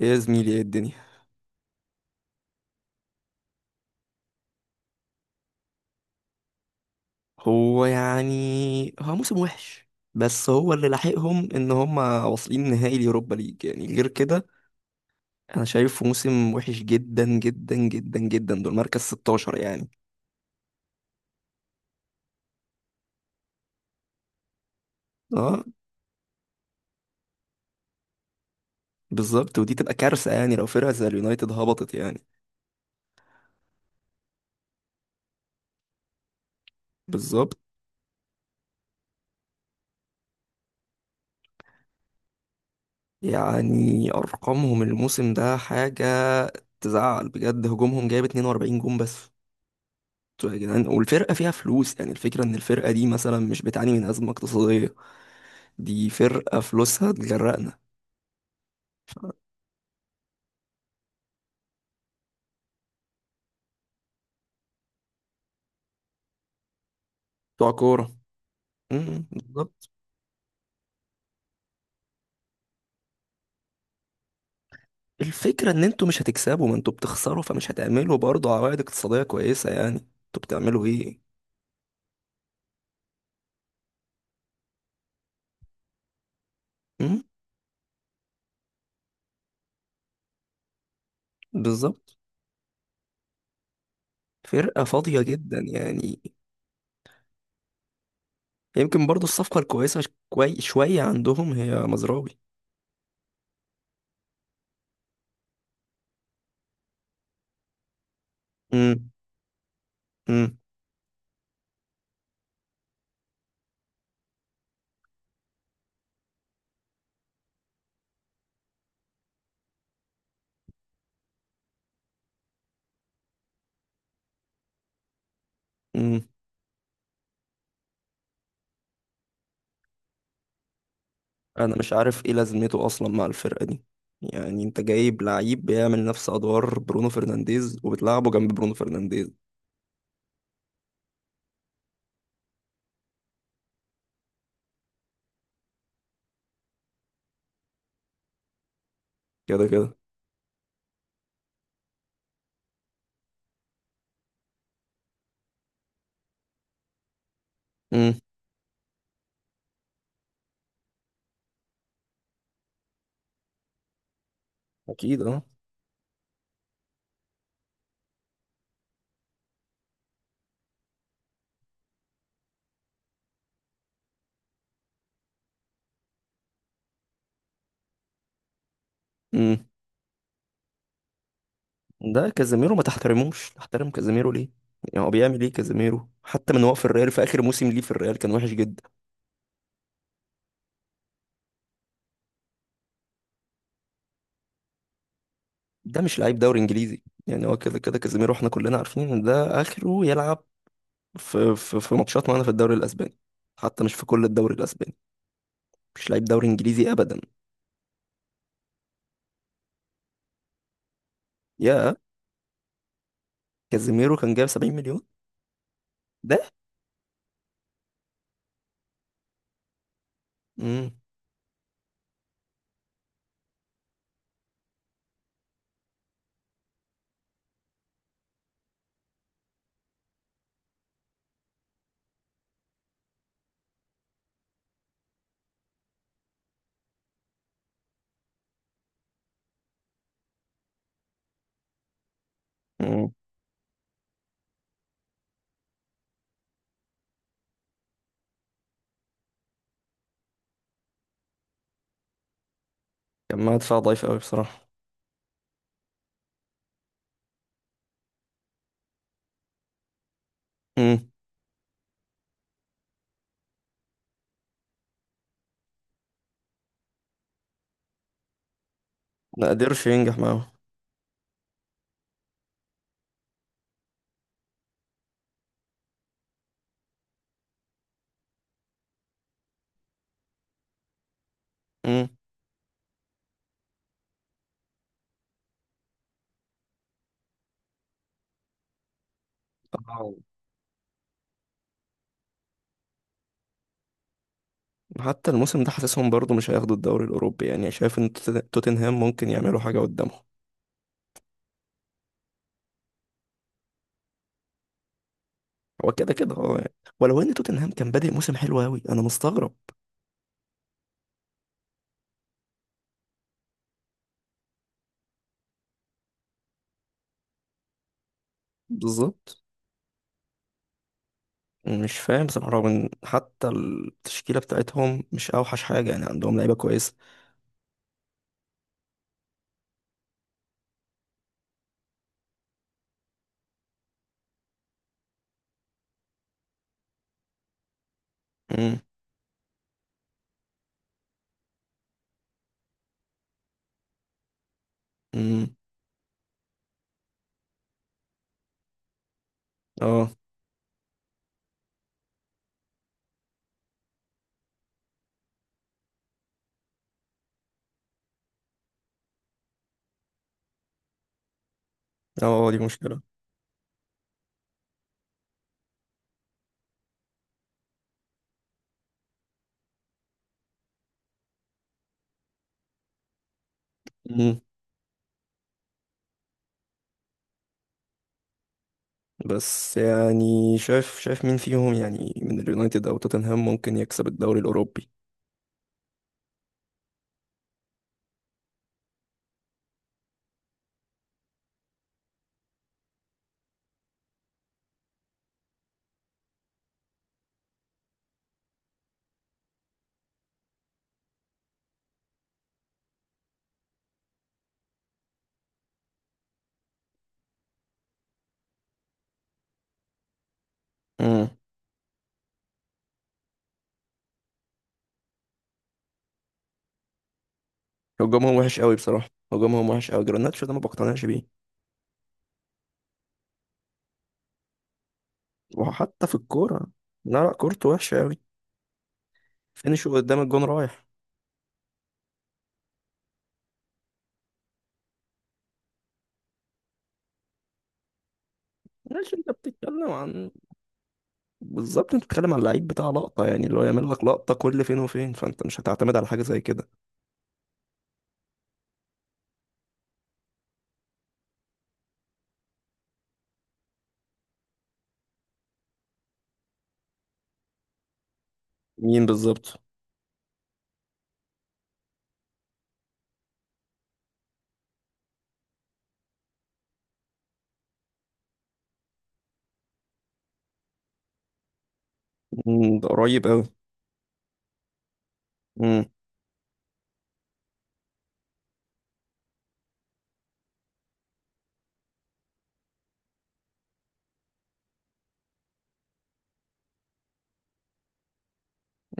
يا زميلي ايه الدنيا؟ هو موسم وحش، بس هو اللي لاحقهم ان هم واصلين نهائي اليوروبا ليج، يعني غير كده انا شايفه موسم وحش جدا جدا جدا جدا. دول مركز 16 يعني. اه بالظبط، ودي تبقى كارثة يعني لو فرقة زي اليونايتد هبطت يعني. بالظبط. يعني ارقامهم الموسم ده حاجة تزعل بجد، هجومهم جايب 42 جون بس. انتوا يا جدعان والفرقة فيها فلوس، يعني الفكرة ان الفرقة دي مثلا مش بتعاني من أزمة اقتصادية، دي فرقة فلوسها تجرقنا. بتوع كورة. بالظبط. الفكرة ان انتوا مش هتكسبوا، ما انتوا بتخسروا، فمش هتعملوا برضه عوائد اقتصادية كويسة، يعني انتوا بتعملوا ايه؟ امم بالظبط. فرقة فاضية جدا يعني. يمكن برضه الصفقة الكويسة شوية عندهم هي مزراوي. امم امم امم انا مش عارف ايه لازمته اصلا مع الفرقة دي، يعني انت جايب لعيب بيعمل نفس ادوار برونو فرنانديز وبتلعبه جنب برونو فرنانديز. كده كده. امم اكيد اه. ده كازيميرو ما تحترموش، تحترم كازيميرو ليه؟ يعني هو بيعمل ايه كازيميرو؟ حتى من هو في الريال في اخر موسم ليه في الريال كان وحش جدا. ده مش لعيب دوري انجليزي، يعني هو كده كده كازيميرو، احنا كلنا عارفين ان ده اخره يلعب في ماتشات معانا في الدوري الاسباني، حتى مش في كل الدوري الاسباني. مش لعيب دوري انجليزي ابدا. يا كازيميرو كان جايب 70 مليون ده. امم امم كان مع دفاع ضعيف قوي بصراحه. امم ما قدرش ينجح معاهم. امم حتى الموسم ده حاسسهم برضو مش هياخدوا الدوري الأوروبي، يعني شايف إن توتنهام ممكن يعملوا حاجة قدامهم. هو كده كده اه يعني، ولو إن توتنهام كان بادئ موسم حلو أوي، أنا مستغرب. بالظبط. مش فاهم بصراحة، رغم إن حتى التشكيلة بتاعتهم مش أوحش حاجة، يعني عندهم لعيبة كويسة. أمم، أمم، اه اه، دي مشكلة. أمم، بس يعني شايف شايف مين فيهم يعني من اليونايتد أو توتنهام ممكن يكسب الدوري الأوروبي؟ أمم، هجومهم وحش أوي بصراحة، هجومهم وحش أوي، جرناتشو ده ما بقتنعش بيه. وحتى في الكورة، لا لا، كورته وحشة أوي، فينش قدام الجون رايح. ماشي، انت بتتكلم عن، بالظبط انت بتتكلم عن لعيب بتاع لقطة، يعني اللي هو يعمل لك لقطة كل فين وفين، فانت مش هتعتمد على حاجة زي كده. مين بالظبط؟ مم، ده قريب أوي. مم.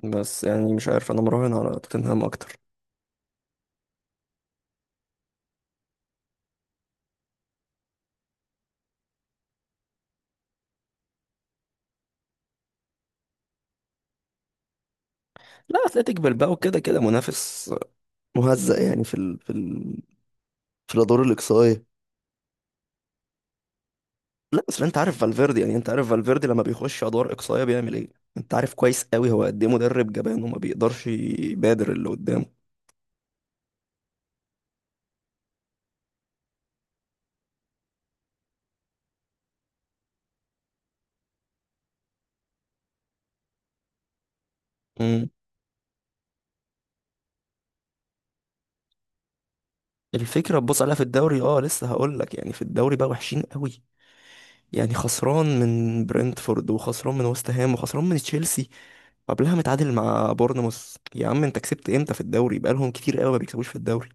بس يعني مش عارف، انا مراهن على توتنهام اكتر. لا، اتلتيك بالباو كده كده منافس مهزأ، يعني في الادوار الاقصائيه. لا بس انت عارف فالفيردي، يعني انت عارف فالفيردي لما بيخش ادوار اقصائيه بيعمل ايه، انت عارف كويس قوي هو قد ايه مدرب جبان وما بيقدرش يبادر اللي قدامه. امم الفكره تبص عليها في الدوري اه، لسه هقول لك، يعني في الدوري بقى وحشين قوي، يعني خسران من برنتفورد وخسران من وست هام وخسران من تشيلسي، قبلها متعادل مع بورنموث. يا عم انت كسبت امتى في الدوري؟ بقالهم كتير قوي ما بيكسبوش في الدوري.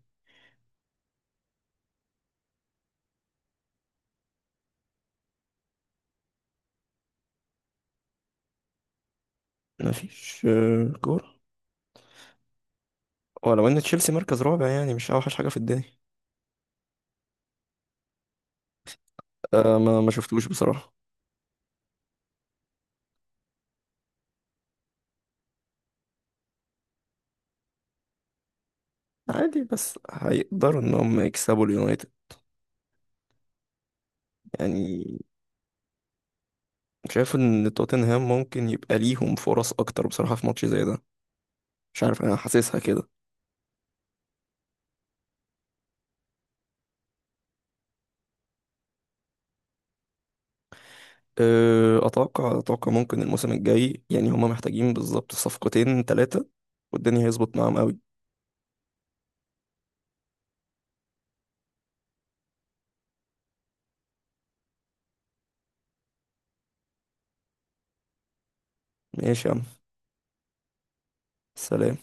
مفيش كوره، ولو ان تشيلسي مركز رابع، يعني مش اوحش حاجه في الدنيا. أه، ما شفتوش بصراحه. عادي، بس هيقدروا ان هم يكسبوا اليونايتد؟ يعني شايف ان توتنهام ممكن يبقى ليهم فرص اكتر بصراحة في ماتش زي ده، مش عارف، انا حاسسها كده. اتوقع ممكن الموسم الجاي يعني هم محتاجين بالظبط صفقتين ثلاثة، والدنيا هيظبط معاهم قوي. ماشي يا عم، سلام.